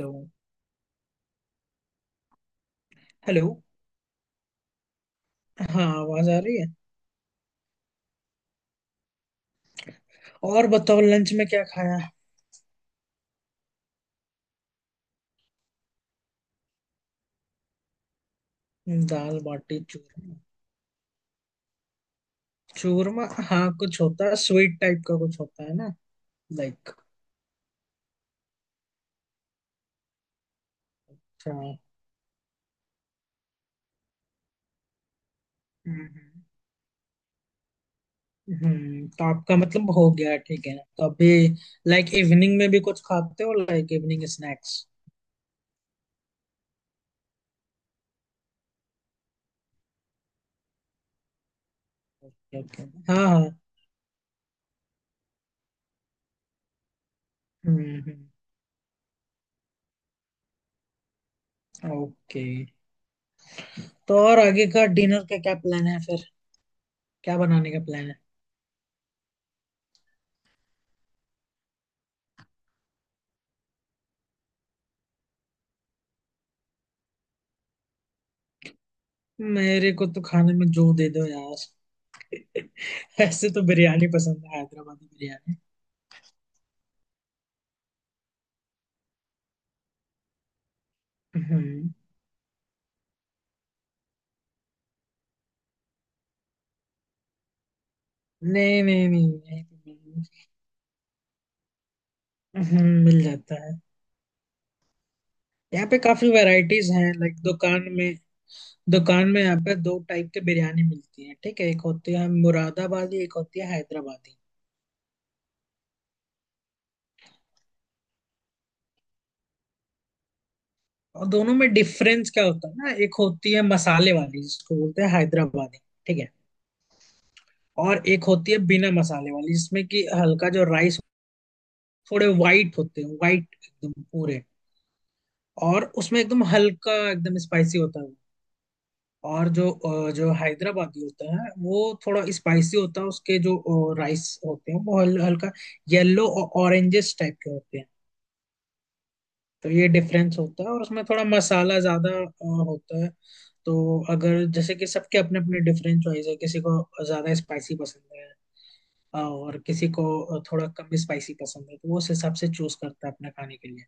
Hello. Hello. हाँ, आवाज आ रही है। और बताओ, लंच में क्या खाया? दाल बाटी चूरमा। चूरमा, हाँ कुछ होता है, स्वीट टाइप का कुछ होता है ना, लाइक। अच्छा, हम्म। तो आपका मतलब हो गया, ठीक है। तो अभी लाइक इवनिंग में भी कुछ खाते हो, like evening snacks? Okay okay. हाँ हाँ। हम्म हम्म ओके। तो और आगे का डिनर का क्या प्लान है फिर? क्या बनाने का प्लान है? मेरे को तो खाने में जो दे दो यार। ऐसे तो बिरयानी पसंद है, हैदराबादी बिरयानी। हम्म। नहीं नहीं नहीं, यहीं पे मिल, मिल जाता है। यहाँ पे काफी वैरायटीज हैं लाइक दुकान में। यहाँ पे दो टाइप के बिरयानी मिलती है, ठीक है। एक होती है मुरादाबादी, एक होती है हैदराबादी। और दोनों में डिफरेंस क्या होता है ना, एक होती है मसाले वाली, जिसको बोलते हैं हैदराबादी, ठीक है। और एक होती है बिना मसाले वाली, जिसमें कि हल्का जो राइस, थोड़े वाइट होते हैं, वाइट एकदम पूरे। और उसमें एकदम हल्का, एकदम स्पाइसी होता है। और जो जो हैदराबादी होता है वो थोड़ा स्पाइसी होता है। उसके जो राइस होते हैं वो हल्का येलो और ऑरेंजेस टाइप के होते हैं। तो ये डिफरेंस होता है। और उसमें थोड़ा मसाला ज्यादा होता है। तो अगर जैसे कि सबके अपने अपने डिफरेंट चॉइस है, किसी को ज्यादा स्पाइसी पसंद है, और किसी को थोड़ा कम स्पाइसी पसंद है, तो वो उस हिसाब से चूज करता है अपने खाने के लिए।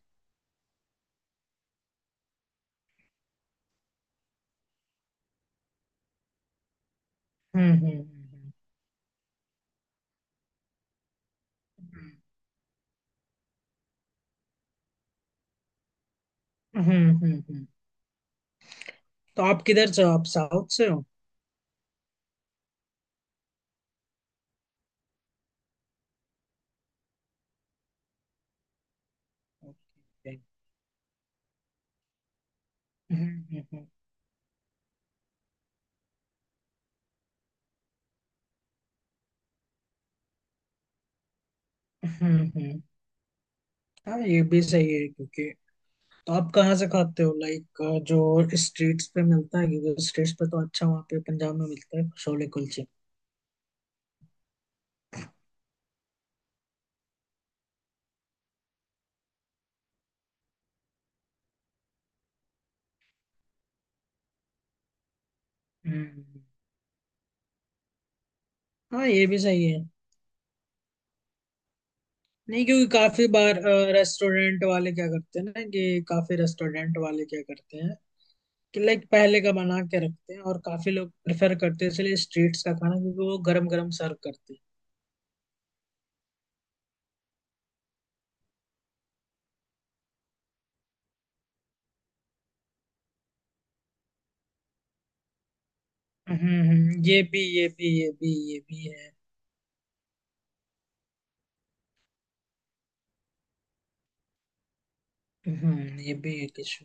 हम्म हम्म हम्म हम्म हम्म हम्म, हम्म। तो आप किधर से हो? आप साउथ से हो? Okay. Okay। हम्म हम्म हम्म। हम्म हम्म हाँ, ये भी सही है क्योंकि, तो आप कहाँ से खाते हो लाइक? जो स्ट्रीट्स पे मिलता है, क्योंकि स्ट्रीट्स पे तो अच्छा वहाँ पे पंजाब में मिलता है छोले कुलचे। हम्म हाँ, ये भी सही है। नहीं, क्योंकि काफी बार रेस्टोरेंट वाले क्या करते हैं ना, कि काफी रेस्टोरेंट वाले क्या करते हैं कि लाइक पहले का बना के रखते हैं, और काफी लोग प्रेफर करते हैं इसलिए स्ट्रीट्स का खाना, क्योंकि वो गरम गरम सर्व करते हैं। ये भी है। हम्म, ये भी एक इशू।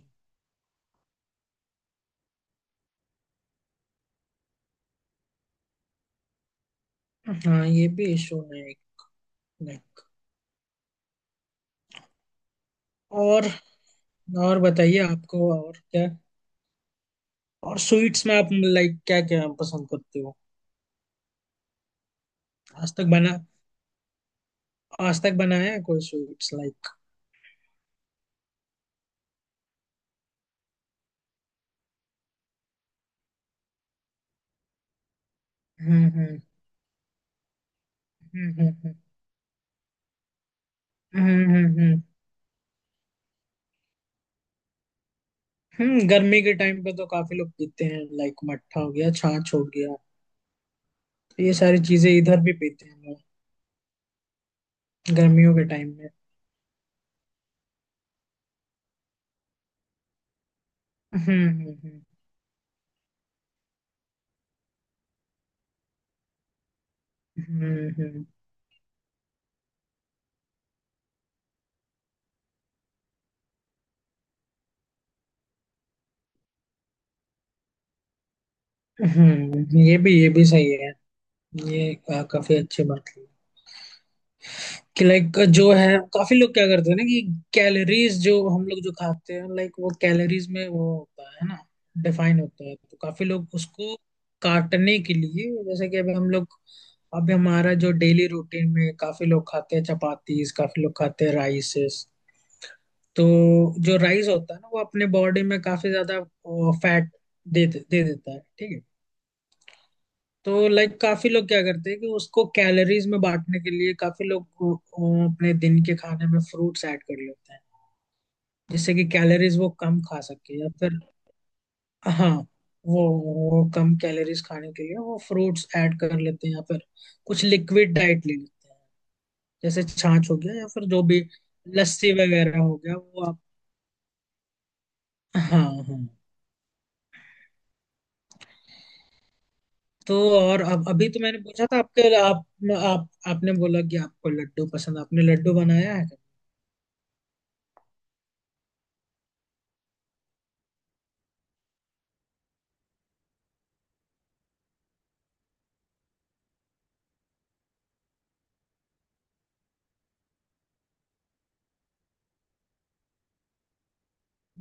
हाँ, ये भी इशू है, लाइक। और और बताइए, आपको और क्या और स्वीट्स में आप लाइक क्या क्या पसंद करते हो? आज तक बना आज तक बनाया है कोई स्वीट्स लाइक? हम्म हम्म हम्म हम्म हम्म हम्म हम्म, गर्मी के टाइम पे तो काफी लोग पीते हैं, लाइक मट्ठा हो गया, छाछ हो गया, तो ये सारी चीजें इधर भी पीते हैं लोग, गर्मियों के टाइम में। हम्म हम्म हम्म हम्म ये भी सही है। ये काफी अच्छी बात, कि लाइक जो है, काफी लोग क्या करते हैं ना, कि कैलोरीज जो हम लोग जो खाते हैं, लाइक वो कैलोरीज में वो होता है ना, डिफाइन होता है, तो काफी लोग उसको काटने के लिए, जैसे कि अभी हम लोग, अभी हमारा जो डेली रूटीन में, काफी लोग खाते हैं चपातीस, काफी लोग खाते हैं राइसेस। तो जो राइस होता है ना, वो अपने बॉडी में काफी ज्यादा फैट दे दे देता है, ठीक है। तो लाइक काफी लोग क्या करते हैं कि उसको कैलोरीज में बांटने के लिए, काफी लोग को अपने दिन के खाने में फ्रूट्स ऐड कर लेते हैं, जिससे कि कैलोरीज वो कम खा सके, या फिर हाँ वो वो कम कैलोरीज खाने के लिए वो फ्रूट्स ऐड कर लेते हैं, या फिर कुछ लिक्विड डाइट ले लेते हैं, जैसे छाछ हो गया या फिर जो भी लस्सी वगैरह हो गया, वो आप। हाँ हाँ। तो और अब अभी तो मैंने पूछा था आपके, आप आपने बोला कि आपको लड्डू पसंद, आपने लड्डू बनाया है?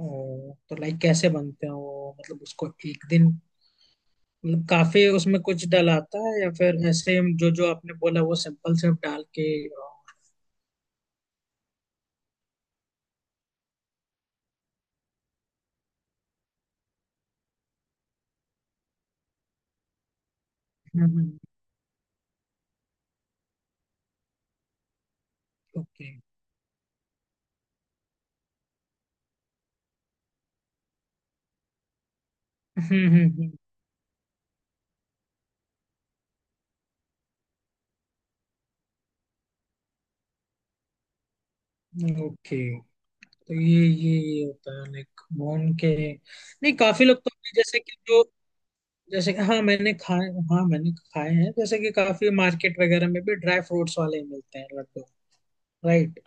ओ, तो लाइक कैसे बनते हैं वो? मतलब उसको एक दिन, मतलब काफी उसमें कुछ डलाता है या फिर ऐसे, हम जो जो आपने बोला, वो सिंपल सिर्फ डाल के? ओके। हम्म। ओके। तो ये होता है लाइक भून के, नहीं काफी लोग तो अपने जैसे कि जो, जैसे कि- हाँ मैंने खाए हैं, जैसे कि काफी मार्केट वगैरह में भी ड्राई फ्रूट्स वाले ही मिलते हैं लड्डू, राइट।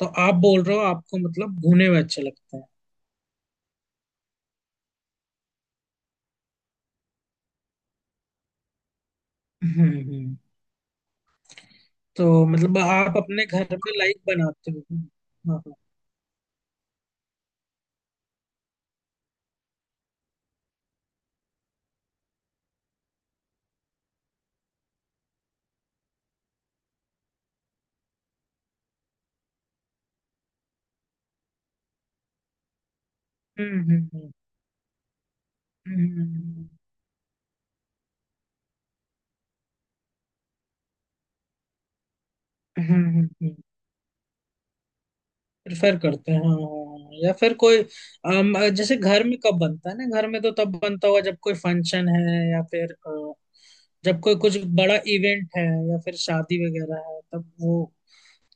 तो आप बोल रहे हो आपको मतलब भुने हुए अच्छे लगते हैं? हम्म। तो मतलब आप अपने घर में लाइक बनाते हो? हाँ हाँ। हम्म हम्म हम्म हम्म प्रेफर करते हैं। हाँ हाँ, हाँ। या फिर कोई, जैसे घर में कब बनता है ना, घर में तो तब बनता होगा जब कोई फंक्शन है, या फिर जब कोई कुछ बड़ा इवेंट है, या फिर शादी वगैरह है, तब वो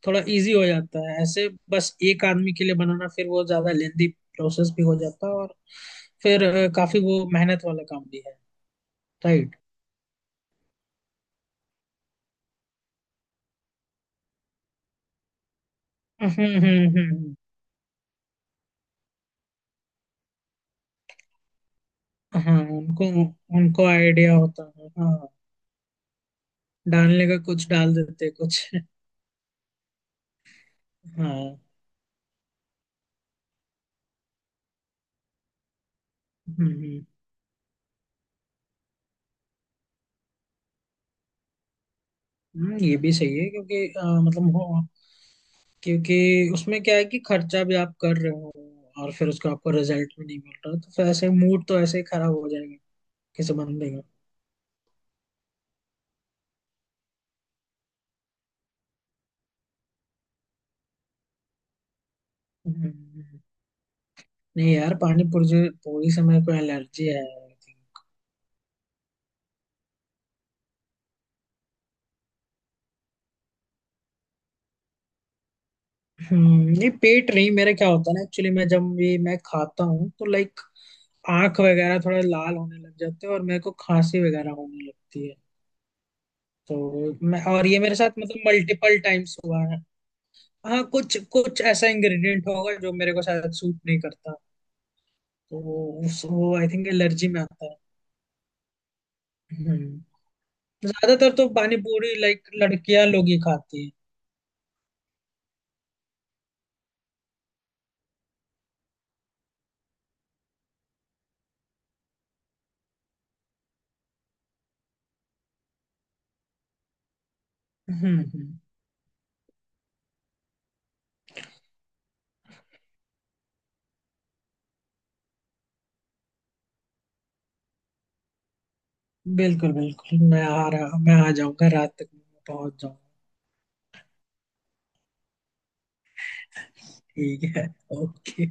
थोड़ा इजी हो जाता है। ऐसे बस एक आदमी के लिए बनाना, फिर वो ज्यादा लेंदी प्रोसेस भी हो जाता है, और फिर काफी वो मेहनत वाला काम भी है, राइट। हम्म हम्म हम्म हाँ, उनको उनको आइडिया होता है, हाँ। डालने का कुछ डाल देते कुछ। हाँ। हम्म ये भी सही है, क्योंकि अ, मतलब हो क्योंकि उसमें क्या है कि खर्चा भी आप कर रहे हो, और फिर उसका आपको रिजल्ट भी नहीं मिल रहा, तो फिर ऐसे मूड तो ऐसे ही खराब हो जाएगा किसी बंदे का। हम्म, हम्म, हम्म। नहीं यार, पानी पूरी पूरी से मेरे को एलर्जी है। नहीं पेट नहीं, मेरा क्या होता है ना, एक्चुअली मैं जब भी मैं खाता हूँ, तो लाइक आंख वगैरह थोड़ा लाल होने लग जाते हैं, और मेरे को खांसी वगैरह होने लगती है। तो मैं, और ये मेरे साथ मतलब मल्टीपल टाइम्स हुआ है। हाँ, कुछ कुछ ऐसा इंग्रेडिएंट होगा जो मेरे को शायद सूट नहीं करता, तो वो, वो आई थिंक एलर्जी में आता है। हम्म। ज्यादातर तो पानी पूरी लाइक लड़कियां लोग ही खाती है। हम्म। बिल्कुल बिल्कुल, मैं आ जाऊंगा, रात तक मैं पहुंच जाऊंगा। ठीक है। ओके।